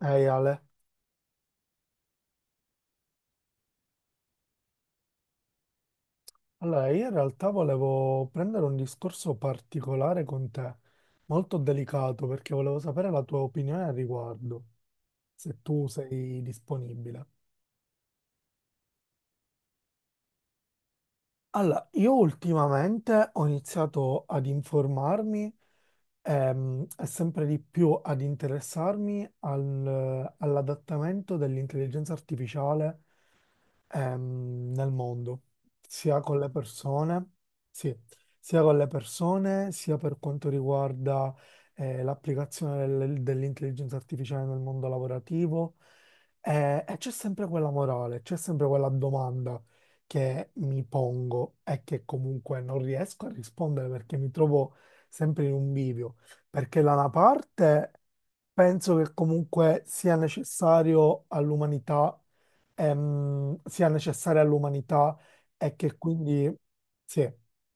Ehi Ale, allora io in realtà volevo prendere un discorso particolare con te, molto delicato, perché volevo sapere la tua opinione al riguardo, se tu sei disponibile. Allora, io ultimamente ho iniziato ad informarmi, e sempre di più ad interessarmi all'adattamento dell'intelligenza artificiale, nel mondo, sia con le persone, sì, sia con le persone, sia per quanto riguarda, l'applicazione dell'intelligenza artificiale nel mondo lavorativo. E c'è sempre quella morale, c'è sempre quella domanda che mi pongo è che comunque non riesco a rispondere perché mi trovo sempre in un bivio, perché da una parte penso che comunque sia necessario all'umanità, sia necessaria all'umanità e che quindi sì,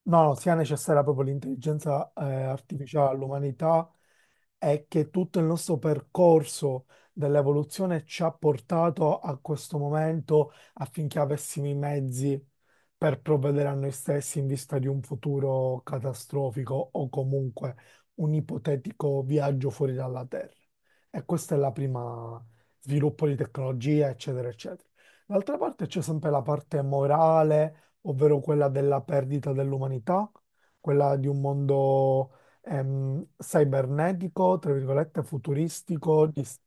no, no, sia necessaria proprio l'intelligenza, artificiale all'umanità e che tutto il nostro percorso dell'evoluzione ci ha portato a questo momento affinché avessimo i mezzi per provvedere a noi stessi in vista di un futuro catastrofico o comunque un ipotetico viaggio fuori dalla Terra. E questa è la prima sviluppo di tecnologia, eccetera, eccetera. D'altra parte c'è sempre la parte morale, ovvero quella della perdita dell'umanità, quella di un mondo cibernetico, tra virgolette, futuristico,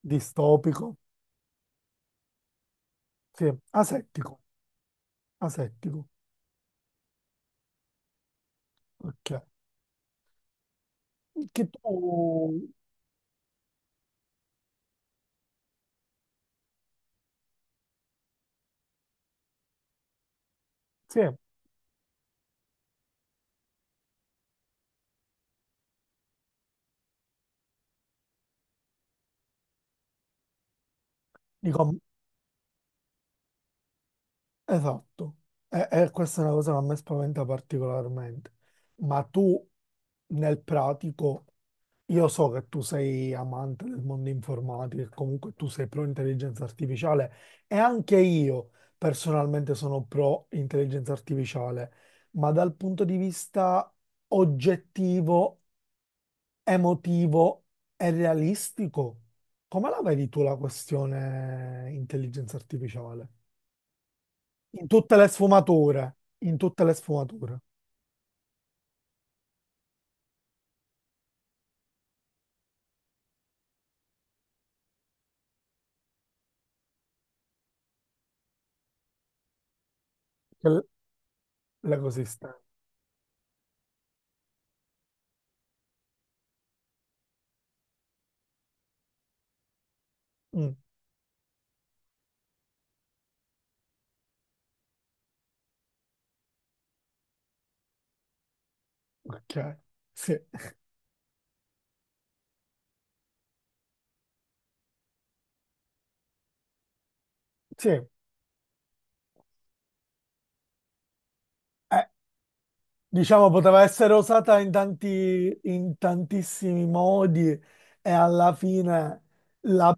distopico, sì, asettico, asettico. Ok. Che tu... Sì, dico, esatto. E questa è una cosa che a me spaventa particolarmente. Ma tu, nel pratico, io so che tu sei amante del mondo informatico e comunque tu sei pro intelligenza artificiale e anche io personalmente sono pro intelligenza artificiale, ma dal punto di vista oggettivo, emotivo e realistico. Come la vedi tu la questione intelligenza artificiale? In tutte le sfumature, in tutte le sfumature, che l- l'ecosistema. Mm, ok, sì, sì. Diciamo poteva essere usata in tanti, in tantissimi modi e alla fine la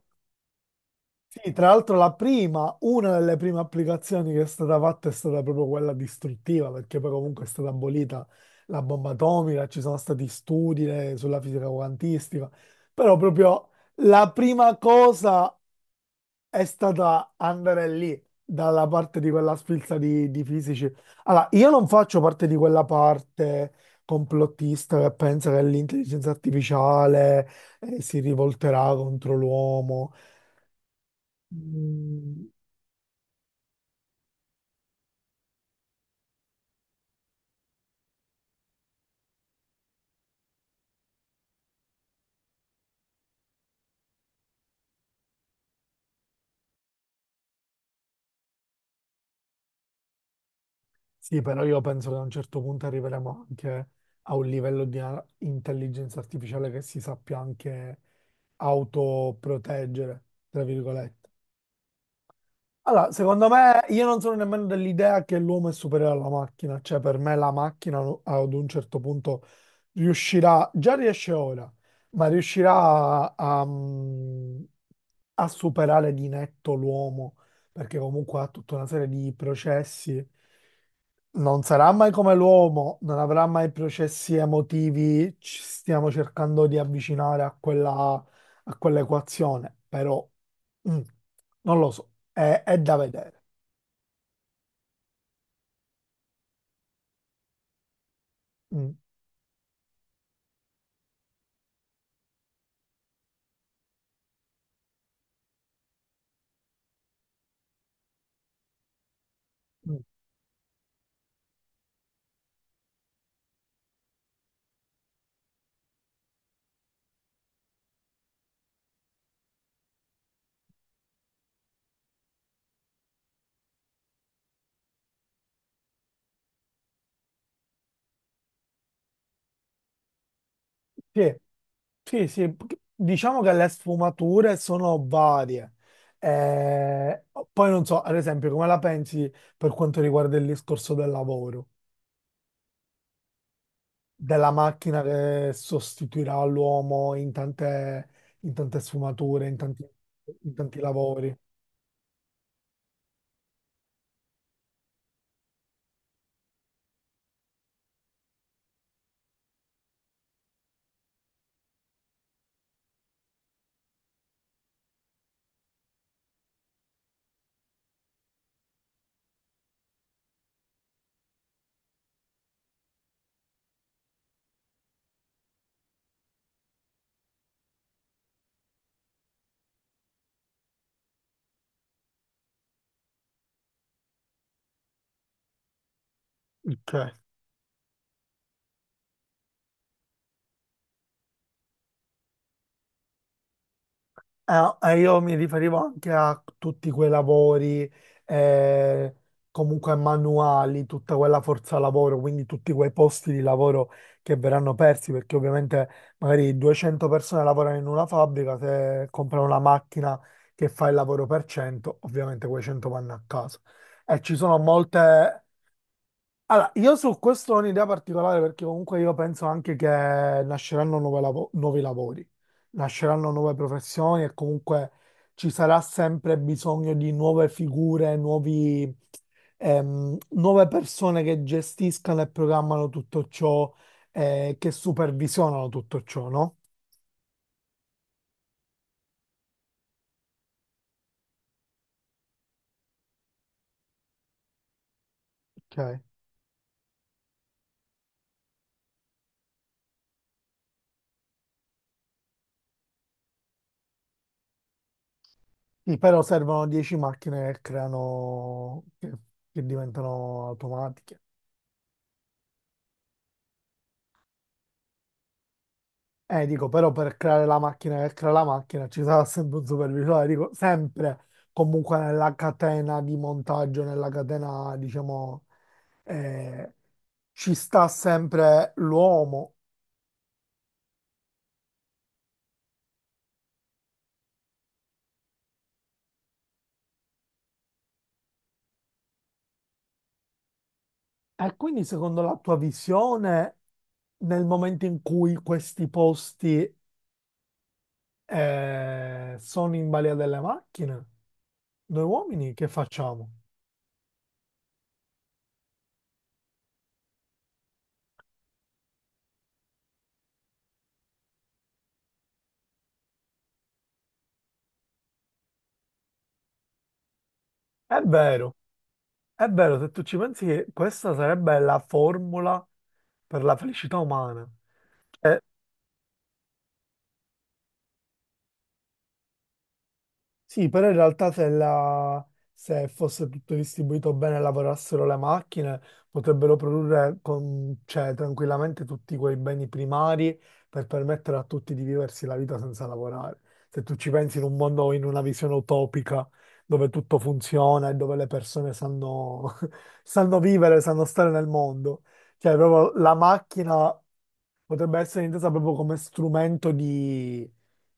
Sì, tra l'altro la prima, una delle prime applicazioni che è stata fatta è stata proprio quella distruttiva, perché poi comunque è stata abolita la bomba atomica, ci sono stati studi sulla fisica quantistica, però proprio la prima cosa è stata andare lì, dalla parte di quella sfilza di fisici. Allora, io non faccio parte di quella parte complottista che pensa che l'intelligenza artificiale si rivolterà contro l'uomo. Mm, sì, però io penso che a un certo punto arriveremo anche a un livello di intelligenza artificiale che si sappia anche autoproteggere, tra virgolette. Allora, secondo me, io non sono nemmeno dell'idea che l'uomo è superiore alla macchina, cioè per me la macchina ad un certo punto riuscirà, già riesce ora, ma riuscirà a, a- a superare di netto l'uomo, perché comunque ha tutta una serie di processi, non sarà mai come l'uomo, non avrà mai processi emotivi, ci stiamo cercando di avvicinare a quella, a quell'equazione, però... Mm, Non lo so, è da vedere. Mm, mm. Sì, sì, sì, diciamo che le sfumature sono varie. Eh, Poi non so, ad esempio, come la pensi per quanto riguarda il discorso del lavoro, della macchina che sostituirà l'uomo in tante sfumature, in tanti lavori. Ok. Ah, io mi riferivo anche a tutti quei lavori, eh, comunque manuali, tutta quella forza lavoro, quindi tutti quei posti di lavoro che verranno persi, perché ovviamente magari 200 persone lavorano in una fabbrica, se comprano una macchina che fa il lavoro per 100, ovviamente quei 100 vanno a casa. E ci sono molte allora, io su questo ho un'idea particolare, perché comunque io penso anche che nasceranno nuove nuovi lavori, nasceranno nuove professioni e comunque ci sarà sempre bisogno di nuove figure, nuove persone che gestiscano e programmano tutto ciò, che supervisionano tutto ciò, no? Ok. Sì, però servono 10 macchine che creano, che diventano automatiche. Dico, però per creare la macchina, ci sarà sempre un supervisore. Allora, dico, sempre comunque nella catena di montaggio, nella catena, diciamo, eh, ci sta sempre l'uomo. E quindi secondo la tua visione, nel momento in cui questi posti, sono in balia delle macchine, noi uomini che facciamo? È vero. È vero, se tu ci pensi, che questa sarebbe la formula per la felicità umana. Eh, sì, però in realtà se fosse tutto distribuito bene e lavorassero le macchine, potrebbero produrre cioè, tranquillamente tutti quei beni primari per permettere a tutti di viversi la vita senza lavorare. Se tu ci pensi, in un mondo, in una visione utopica, dove tutto funziona e dove le persone sanno sanno vivere, sanno stare nel mondo. Cioè, proprio la macchina potrebbe essere intesa proprio come strumento di,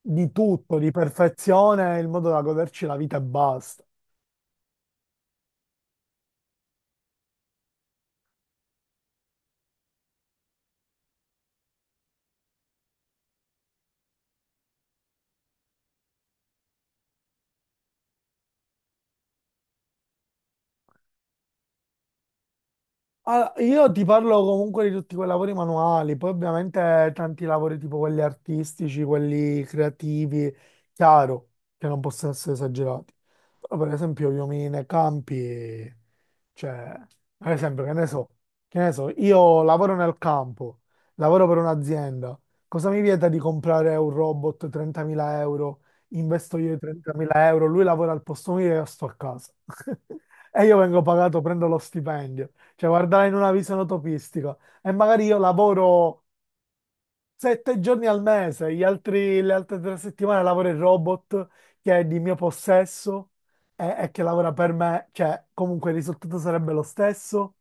di tutto, di perfezione, il modo da goderci la vita e basta. Allora, io ti parlo comunque di tutti quei lavori manuali, poi ovviamente tanti lavori tipo quelli artistici, quelli creativi, chiaro, che non possono essere esagerati. Però per esempio io mi nei campi, cioè, per esempio, che ne so, io lavoro nel campo, lavoro per un'azienda, cosa mi vieta di comprare un robot 30.000 euro, investo io i 30.000 euro, lui lavora al posto mio e io sto a casa. E io vengo pagato, prendo lo stipendio, cioè, guardare in una visione utopistica. E magari io lavoro 7 giorni al mese, le altre 3 settimane lavoro il robot, che è di mio possesso e che lavora per me, cioè comunque il risultato sarebbe lo stesso,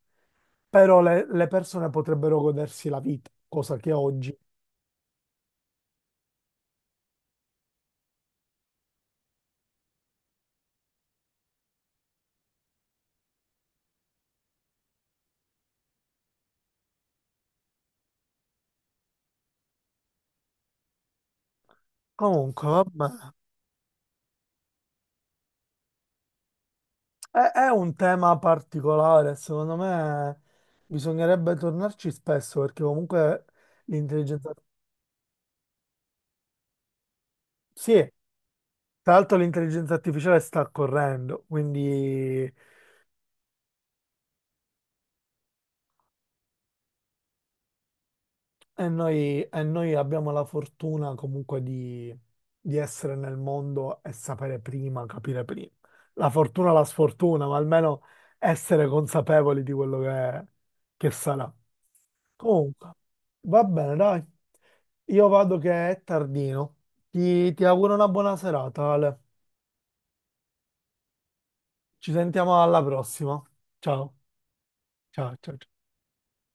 però le persone potrebbero godersi la vita, cosa che oggi. Comunque, vabbè, è un tema particolare, secondo me bisognerebbe tornarci spesso perché comunque l'intelligenza... Sì, tra l'altro l'intelligenza artificiale sta correndo, quindi e noi abbiamo la fortuna comunque di essere nel mondo e sapere prima, capire prima. La fortuna, la sfortuna, ma almeno essere consapevoli di quello che sarà. Comunque, va bene, dai. Io vado che è tardino. Ti auguro una buona serata, Ale. Ci sentiamo alla prossima. Ciao, ciao, ciao.